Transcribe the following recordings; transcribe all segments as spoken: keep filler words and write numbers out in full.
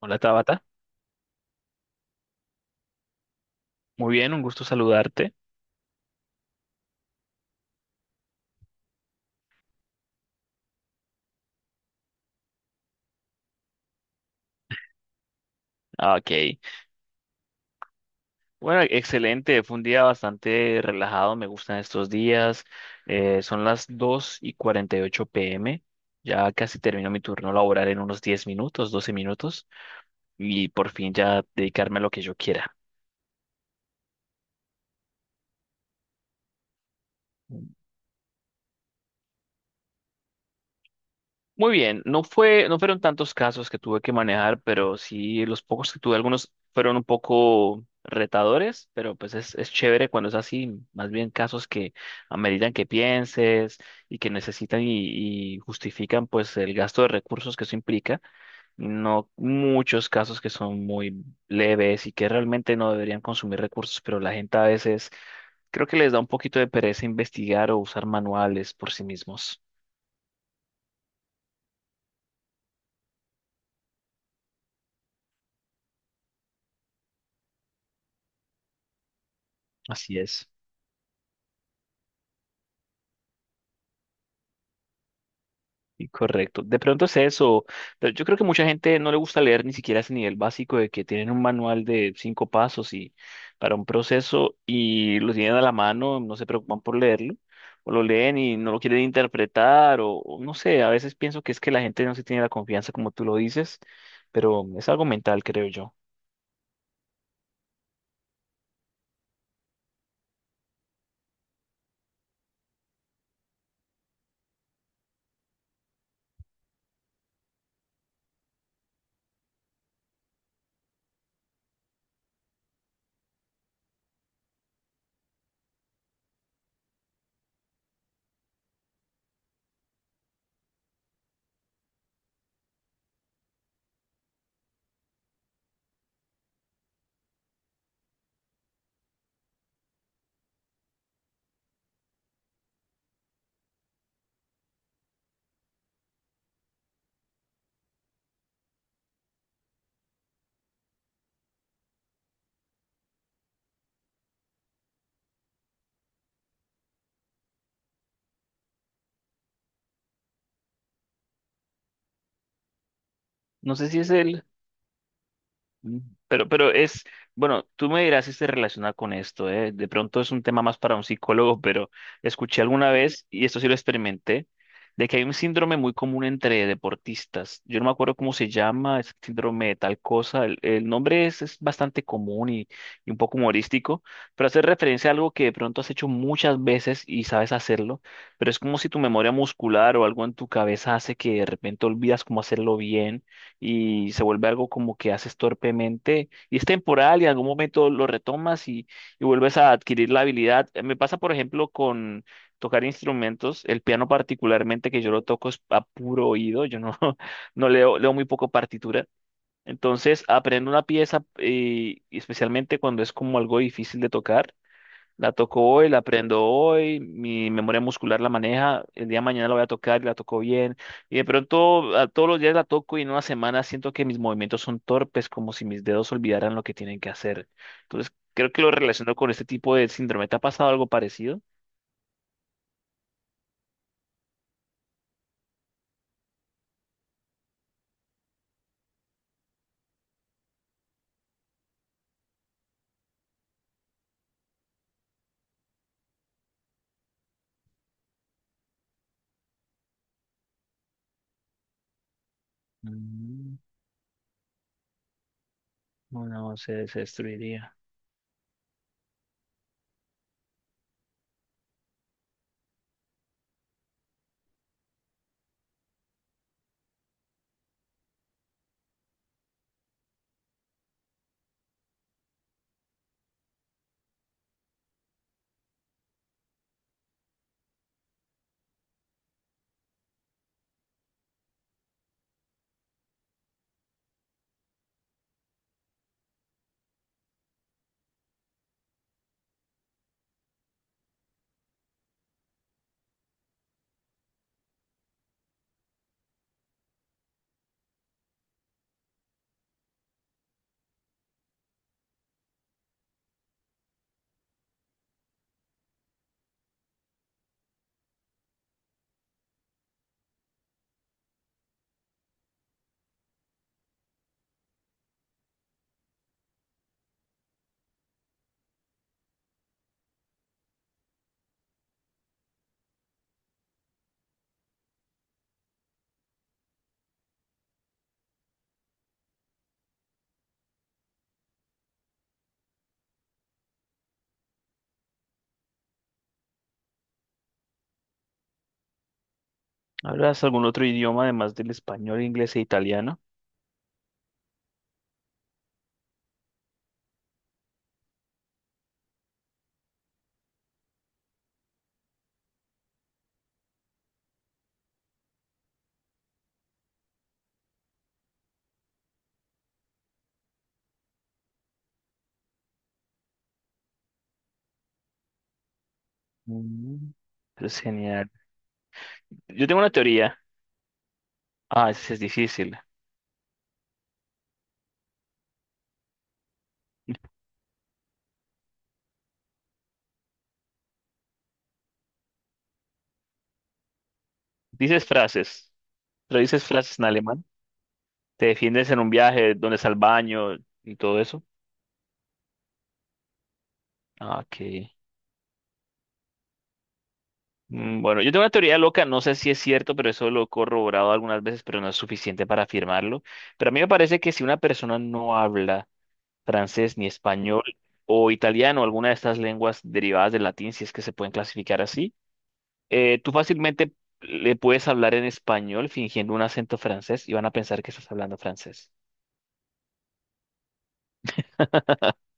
Hola Tabata, muy bien, un gusto saludarte. Ah, ok, bueno, excelente, fue un día bastante relajado, me gustan estos días. Eh, son dos y cuarenta y ocho p m, ya casi termino mi turno laboral en unos diez minutos, doce minutos, y por fin ya dedicarme a lo que yo quiera. Muy bien, no fue, no fueron tantos casos que tuve que manejar, pero sí los pocos que tuve, algunos fueron un poco retadores, pero pues es, es chévere cuando es así, más bien casos que ameritan que pienses y que necesitan y, y justifican pues el gasto de recursos que eso implica, no muchos casos que son muy leves y que realmente no deberían consumir recursos, pero la gente a veces creo que les da un poquito de pereza investigar o usar manuales por sí mismos. Así es. Y correcto. De pronto es eso, pero yo creo que mucha gente no le gusta leer ni siquiera ese nivel básico de que tienen un manual de cinco pasos y para un proceso y lo tienen a la mano, no se preocupan por leerlo, o lo leen y no lo quieren interpretar, o, o no sé, a veces pienso que es que la gente no se tiene la confianza como tú lo dices, pero es algo mental, creo yo. No sé si es el... Mm. Pero, pero es, bueno, tú me dirás si se relaciona con esto, ¿eh? De pronto es un tema más para un psicólogo, pero escuché alguna vez, y esto sí lo experimenté, de que hay un síndrome muy común entre deportistas. Yo no me acuerdo cómo se llama, es síndrome de tal cosa. El, el nombre es, es bastante común y, y un poco humorístico, pero hace referencia a algo que de pronto has hecho muchas veces y sabes hacerlo, pero es como si tu memoria muscular o algo en tu cabeza hace que de repente olvidas cómo hacerlo bien y se vuelve algo como que haces torpemente y es temporal y en algún momento lo retomas y, y vuelves a adquirir la habilidad. Eh, Me pasa, por ejemplo, con tocar instrumentos, el piano particularmente que yo lo toco es a puro oído, yo no, no leo, leo muy poco partitura. Entonces aprendo una pieza eh, y especialmente cuando es como algo difícil de tocar la toco hoy, la aprendo hoy, mi memoria muscular la maneja, el día de mañana la voy a tocar y la toco bien. Y de pronto a todos los días la toco y en una semana siento que mis movimientos son torpes, como si mis dedos olvidaran lo que tienen que hacer. Entonces, creo que lo relaciono con este tipo de síndrome. ¿Te ha pasado algo parecido? Mm, Bueno, se, se destruiría. ¿Hablas algún otro idioma además del español, inglés e italiano? Mm, Eso es genial. Yo tengo una teoría. Ah, es, es difícil. Dices frases. Pero dices frases en alemán. Te defiendes en un viaje, dónde está el baño y todo eso. Ah, ok. Mm, Bueno, yo tengo una teoría loca, no sé si es cierto, pero eso lo he corroborado algunas veces, pero no es suficiente para afirmarlo. Pero a mí me parece que si una persona no habla francés ni español o italiano, alguna de estas lenguas derivadas del latín, si es que se pueden clasificar así, eh, tú fácilmente le puedes hablar en español fingiendo un acento francés y van a pensar que estás hablando francés.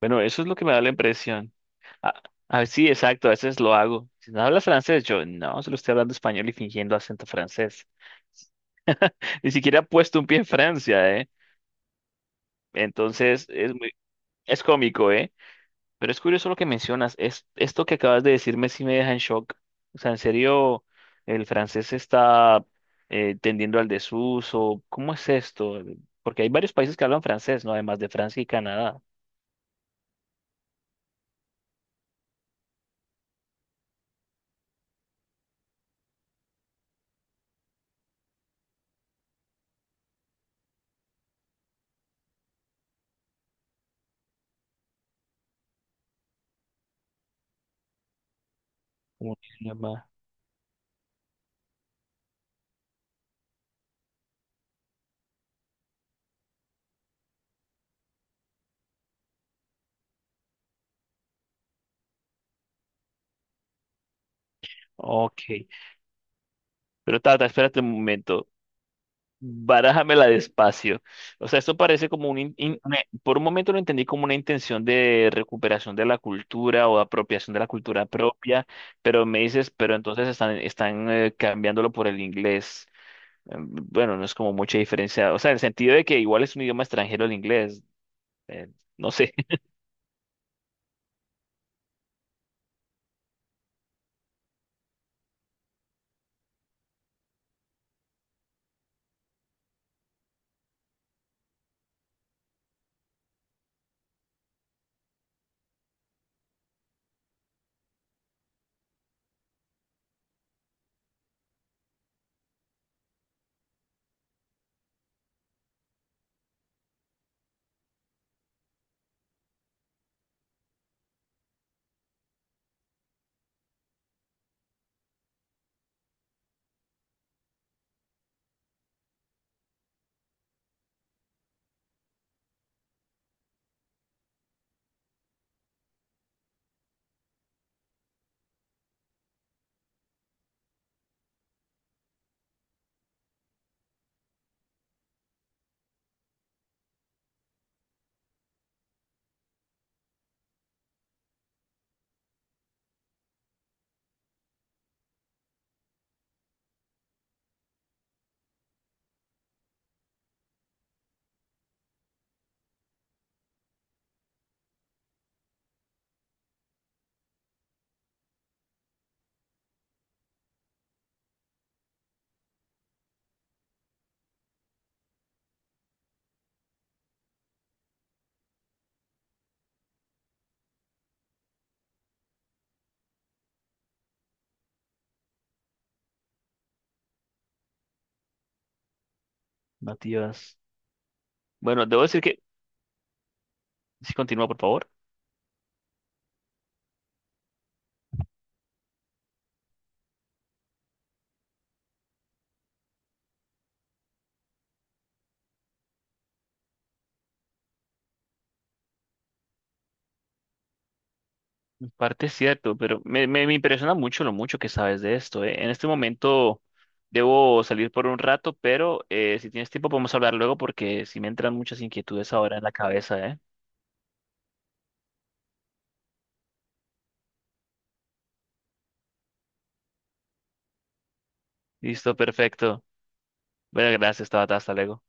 Bueno, eso es lo que me da la impresión. Ah, ah, sí, exacto, a veces lo hago. Si no hablas francés, yo no, solo estoy hablando español y fingiendo acento francés. Ni siquiera he puesto un pie en Francia, ¿eh? Entonces es muy, es cómico, ¿eh? Pero es curioso lo que mencionas. Es, esto que acabas de decirme sí me deja en shock. O sea, en serio, el francés está eh, tendiendo al desuso. ¿Cómo es esto? Porque hay varios países que hablan francés, ¿no? Además de Francia y Canadá. Como un idioma. Ok. Pero Tata, espérate un momento. Barájamela despacio. O sea, esto parece como un... in- in- una- por un momento lo entendí como una intención de recuperación de la cultura o apropiación de la cultura propia, pero me dices, pero entonces están, están eh, cambiándolo por el inglés. Eh, Bueno, no es como mucha diferencia. O sea, en el sentido de que igual es un idioma extranjero el inglés. Eh, no sé, nativas. Bueno, debo decir que... si continúa, por favor. Parte es cierto, pero me, me, me impresiona mucho lo mucho que sabes de esto, ¿eh? En este momento debo salir por un rato, pero eh, si tienes tiempo podemos hablar luego porque si me entran muchas inquietudes ahora en la cabeza, ¿eh? Listo, perfecto. Bueno, gracias, Tabata, hasta luego.